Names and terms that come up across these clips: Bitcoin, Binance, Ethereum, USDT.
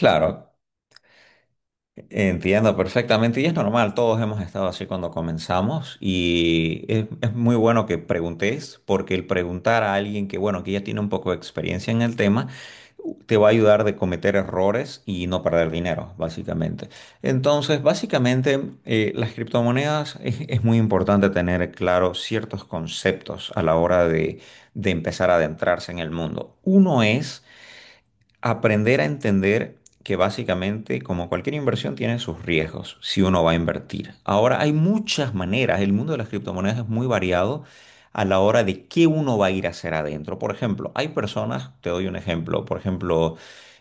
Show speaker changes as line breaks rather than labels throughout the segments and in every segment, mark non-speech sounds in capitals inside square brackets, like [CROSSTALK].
Claro, entiendo perfectamente y es normal, todos hemos estado así cuando comenzamos y es muy bueno que preguntes porque el preguntar a alguien que, bueno, que ya tiene un poco de experiencia en el tema, te va a ayudar de cometer errores y no perder dinero, básicamente. Entonces, básicamente, las criptomonedas es muy importante tener claro ciertos conceptos a la hora de empezar a adentrarse en el mundo. Uno es... Aprender a entender que básicamente, como cualquier inversión, tiene sus riesgos si uno va a invertir. Ahora, hay muchas maneras, el mundo de las criptomonedas es muy variado a la hora de qué uno va a ir a hacer adentro. Por ejemplo, hay personas, te doy un ejemplo, por ejemplo,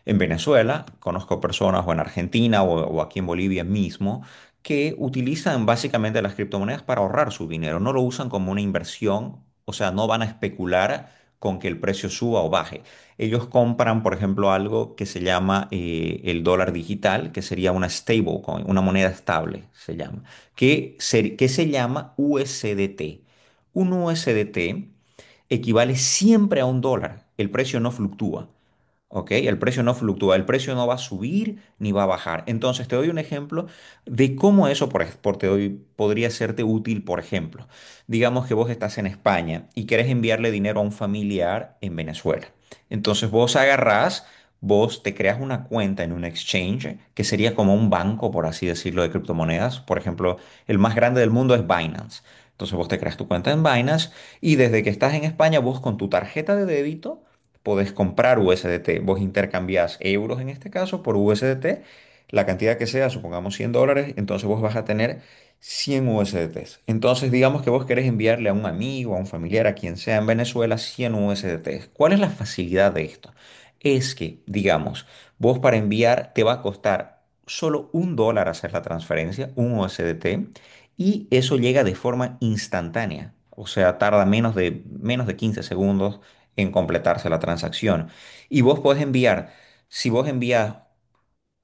en Venezuela, conozco personas, o en Argentina, o aquí en Bolivia mismo, que utilizan básicamente las criptomonedas para ahorrar su dinero, no lo usan como una inversión, o sea, no van a especular con que el precio suba o baje. Ellos compran, por ejemplo, algo que se llama el dólar digital, que sería una stablecoin, una moneda estable, se llama, que se llama USDT. Un USDT equivale siempre a un dólar. El precio no fluctúa. ¿Ok? El precio no fluctúa, el precio no va a subir ni va a bajar. Entonces, te doy un ejemplo de cómo eso, por, ej- por te doy, podría serte útil, por ejemplo. Digamos que vos estás en España y querés enviarle dinero a un familiar en Venezuela. Entonces, vos te creas una cuenta en un exchange, que sería como un banco, por así decirlo, de criptomonedas. Por ejemplo, el más grande del mundo es Binance. Entonces, vos te creas tu cuenta en Binance y desde que estás en España, vos con tu tarjeta de débito podés comprar USDT. Vos intercambiás euros en este caso por USDT, la cantidad que sea, supongamos $100, entonces vos vas a tener 100 USDTs. Entonces digamos que vos querés enviarle a un amigo, a un familiar, a quien sea en Venezuela 100 USDTs. ¿Cuál es la facilidad de esto? Es que, digamos, vos para enviar te va a costar solo un dólar hacer la transferencia, un USDT, y eso llega de forma instantánea. O sea, tarda menos de 15 segundos en completarse la transacción. Y vos podés enviar, si vos envías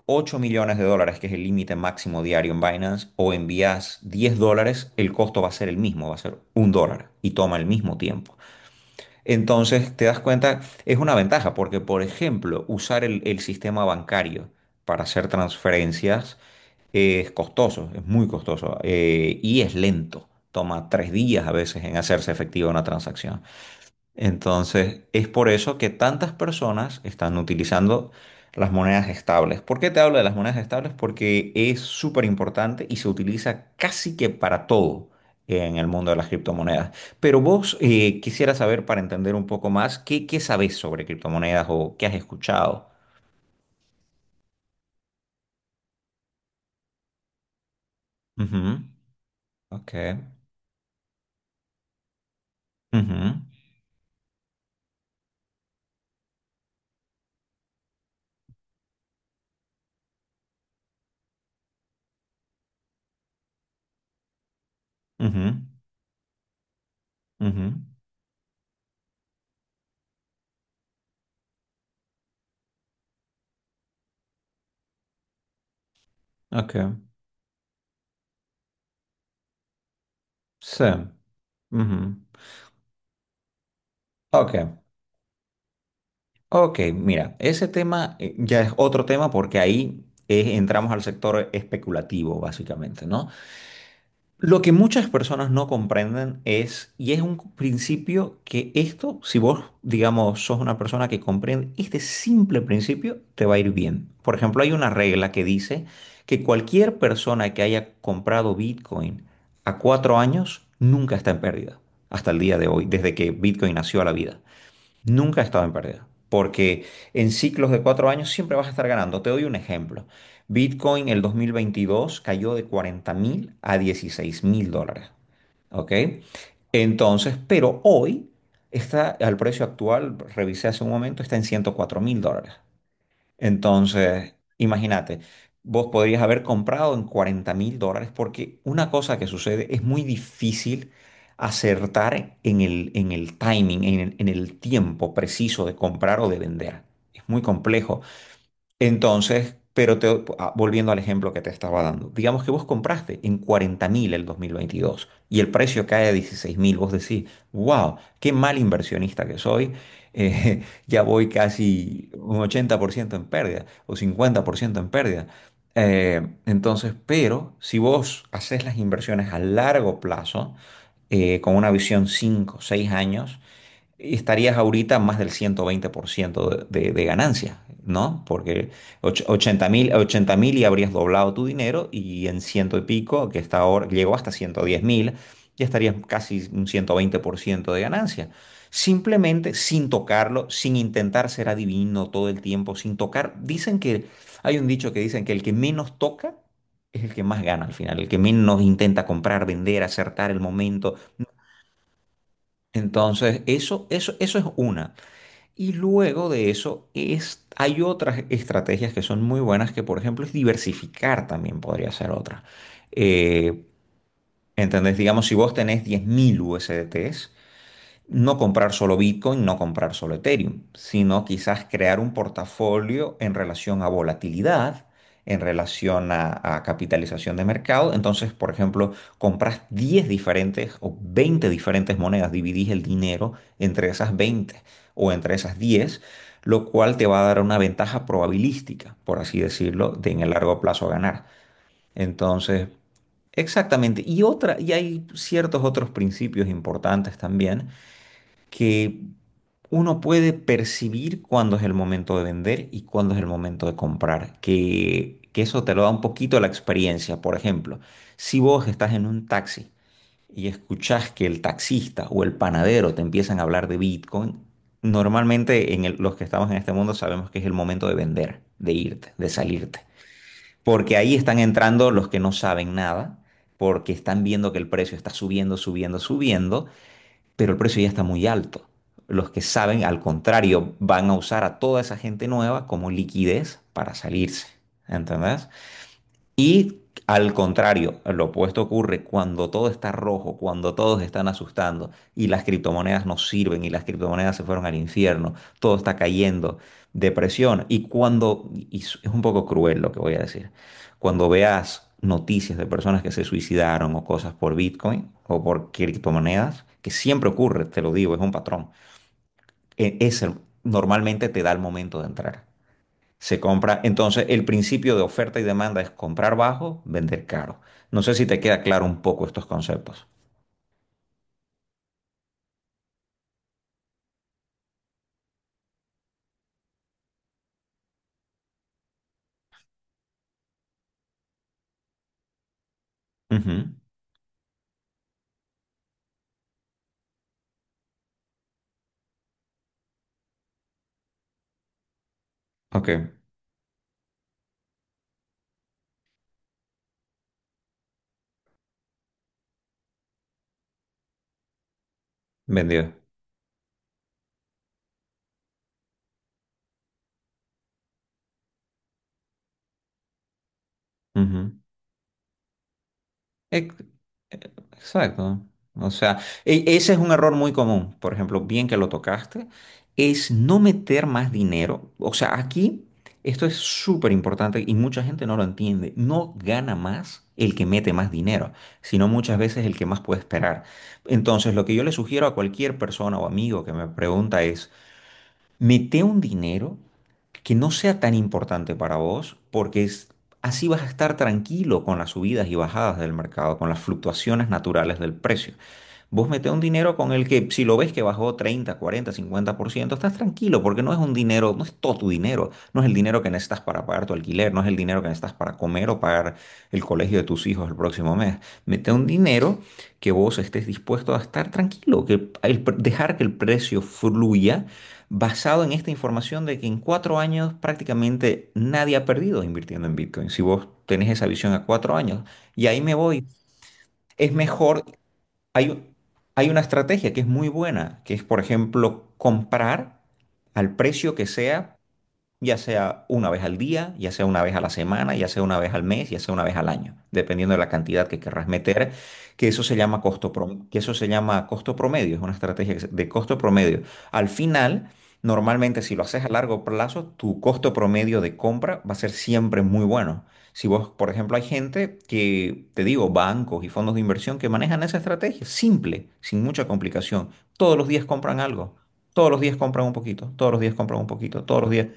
$8 millones, que es el límite máximo diario en Binance, o envías $10, el costo va a ser el mismo, va a ser un dólar y toma el mismo tiempo. Entonces, te das cuenta, es una ventaja porque, por ejemplo, usar el sistema bancario para hacer transferencias es costoso, es muy costoso y es lento. Toma 3 días a veces en hacerse efectiva una transacción. Entonces, es por eso que tantas personas están utilizando las monedas estables. ¿Por qué te hablo de las monedas estables? Porque es súper importante y se utiliza casi que para todo en el mundo de las criptomonedas. Pero vos quisiera saber, para entender un poco más, qué sabés sobre criptomonedas o qué has escuchado? Ujú. Ok. Ujú. Ujú. Ujú. Ok. Sí. Ujú. Ok. Ok, mira, ese tema ya es otro tema porque ahí entramos al sector especulativo, básicamente, ¿no? Lo que muchas personas no comprenden es, y es un principio que esto, si vos, digamos, sos una persona que comprende este simple principio, te va a ir bien. Por ejemplo, hay una regla que dice que cualquier persona que haya comprado Bitcoin a 4 años nunca está en pérdida, hasta el día de hoy, desde que Bitcoin nació a la vida. Nunca he estado en pérdida, porque en ciclos de 4 años siempre vas a estar ganando. Te doy un ejemplo. Bitcoin el 2022 cayó de 40.000 a 16.000 dólares. ¿Ok? Entonces, pero hoy está al precio actual, revisé hace un momento, está en 104.000 dólares. Entonces, imagínate, vos podrías haber comprado en 40.000 dólares porque una cosa que sucede es muy difícil acertar en el timing, en el tiempo preciso de comprar o de vender. Es muy complejo. Entonces, volviendo al ejemplo que te estaba dando, digamos que vos compraste en 40.000 el 2022 y el precio cae a 16.000, vos decís, wow, qué mal inversionista que soy, eh, [LAUGHS] ya voy casi un 80% en pérdida o 50% en pérdida. Entonces, pero si vos haces las inversiones a largo plazo, con una visión 5, 6 años, estarías ahorita más del 120% de ganancia, ¿no? Porque 80 mil, 80 mil y habrías doblado tu dinero y en ciento y pico, que está ahora, llegó hasta 110 mil, ya estarías casi un 120% de ganancia. Simplemente sin tocarlo, sin intentar ser adivino todo el tiempo, sin tocar. Dicen que, hay un dicho que dicen que el que menos toca es el que más gana al final, el que menos intenta comprar, vender, acertar el momento. Entonces, eso es una. Y luego de eso es, hay otras estrategias que son muy buenas, que por ejemplo es diversificar también podría ser otra. Eh, ¿Entendés? Digamos, si vos tenés 10.000 USDTs, no comprar solo Bitcoin, no comprar solo Ethereum, sino quizás crear un portafolio en relación a volatilidad, en relación a capitalización de mercado. Entonces, por ejemplo, compras 10 diferentes o 20 diferentes monedas, dividís el dinero entre esas 20 o entre esas 10 lo cual te va a dar una ventaja probabilística, por así decirlo, de en el largo plazo ganar. Entonces, exactamente. Y otra, y hay ciertos otros principios importantes también que uno puede percibir cuándo es el momento de vender y cuándo es el momento de comprar, que eso te lo da un poquito la experiencia. Por ejemplo, si vos estás en un taxi y escuchás que el taxista o el panadero te empiezan a hablar de Bitcoin, normalmente los que estamos en este mundo sabemos que es el momento de vender, de irte, de salirte, porque ahí están entrando los que no saben nada. Porque están viendo que el precio está subiendo, subiendo, subiendo, pero el precio ya está muy alto. Los que saben, al contrario, van a usar a toda esa gente nueva como liquidez para salirse. ¿Entendés? Y al contrario, lo opuesto ocurre cuando todo está rojo, cuando todos están asustando y las criptomonedas no sirven y las criptomonedas se fueron al infierno, todo está cayendo, depresión. Y cuando, y es un poco cruel lo que voy a decir, cuando veas noticias de personas que se suicidaron o cosas por Bitcoin o por criptomonedas, que siempre ocurre, te lo digo, es un patrón, e- es el- normalmente te da el momento de entrar. Se compra, entonces el principio de oferta y demanda es comprar bajo, vender caro. No sé si te queda claro un poco estos conceptos. Ujú. Ok, vendido. Ujú. Eh, Exacto. O sea, ese es un error muy común. Por ejemplo, bien que lo tocaste, es no meter más dinero. O sea, aquí esto es súper importante y mucha gente no lo entiende. No gana más el que mete más dinero, sino muchas veces el que más puede esperar. Entonces, lo que yo le sugiero a cualquier persona o amigo que me pregunta es, mete un dinero que no sea tan importante para vos, así vas a estar tranquilo con las subidas y bajadas del mercado, con las fluctuaciones naturales del precio. Vos metés un dinero con el que, si lo ves que bajó 30, 40, 50% estás tranquilo porque no es un dinero, no es todo tu dinero, no es el dinero que necesitas para pagar tu alquiler, no es el dinero que necesitas para comer o pagar el colegio de tus hijos el próximo mes. Mete un dinero que vos estés dispuesto a estar tranquilo, dejar que el precio fluya basado en esta información de que en 4 años prácticamente nadie ha perdido invirtiendo en Bitcoin. Si vos tenés esa visión a 4 años, y ahí me voy. Es mejor hay, u- hay una estrategia que es muy buena, que es, por ejemplo, comprar al precio que sea ya sea una vez al día, ya sea una vez a la semana, ya sea una vez al mes, ya sea una vez al año, dependiendo de la cantidad que querrás meter, que eso se llama costo promedio, es una estrategia de costo promedio. Al final, normalmente si lo haces a largo plazo, tu costo promedio de compra va a ser siempre muy bueno. Si vos, por ejemplo, hay gente que, te digo, bancos y fondos de inversión que manejan esa estrategia, simple, sin mucha complicación. Todos los días compran algo. Todos los días compran un poquito, todos los días compran un poquito, todos los días.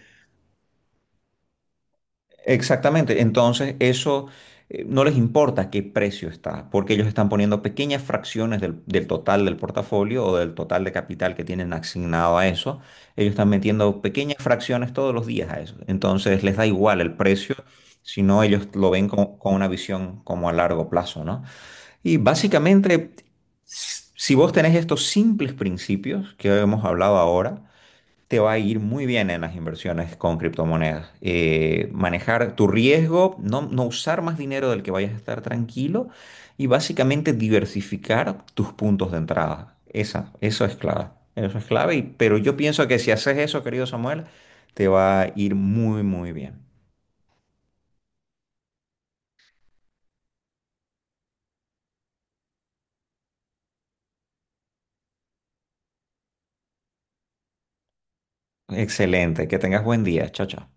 Exactamente. Entonces, eso no les importa qué precio está, porque ellos están poniendo pequeñas fracciones del total del portafolio o del total de capital que tienen asignado a eso. Ellos están metiendo pequeñas fracciones todos los días a eso. Entonces, les da igual el precio, sino ellos lo ven con una visión como a largo plazo, ¿no? Y básicamente, si vos tenés estos simples principios que hemos hablado ahora, te va a ir muy bien en las inversiones con criptomonedas. Manejar tu riesgo, no usar más dinero del que vayas a estar tranquilo y básicamente diversificar tus puntos de entrada. Eso es clave. Eso es clave, pero yo pienso que si haces eso, querido Samuel, te va a ir muy, muy bien. Excelente, que tengas buen día. Chao, chao.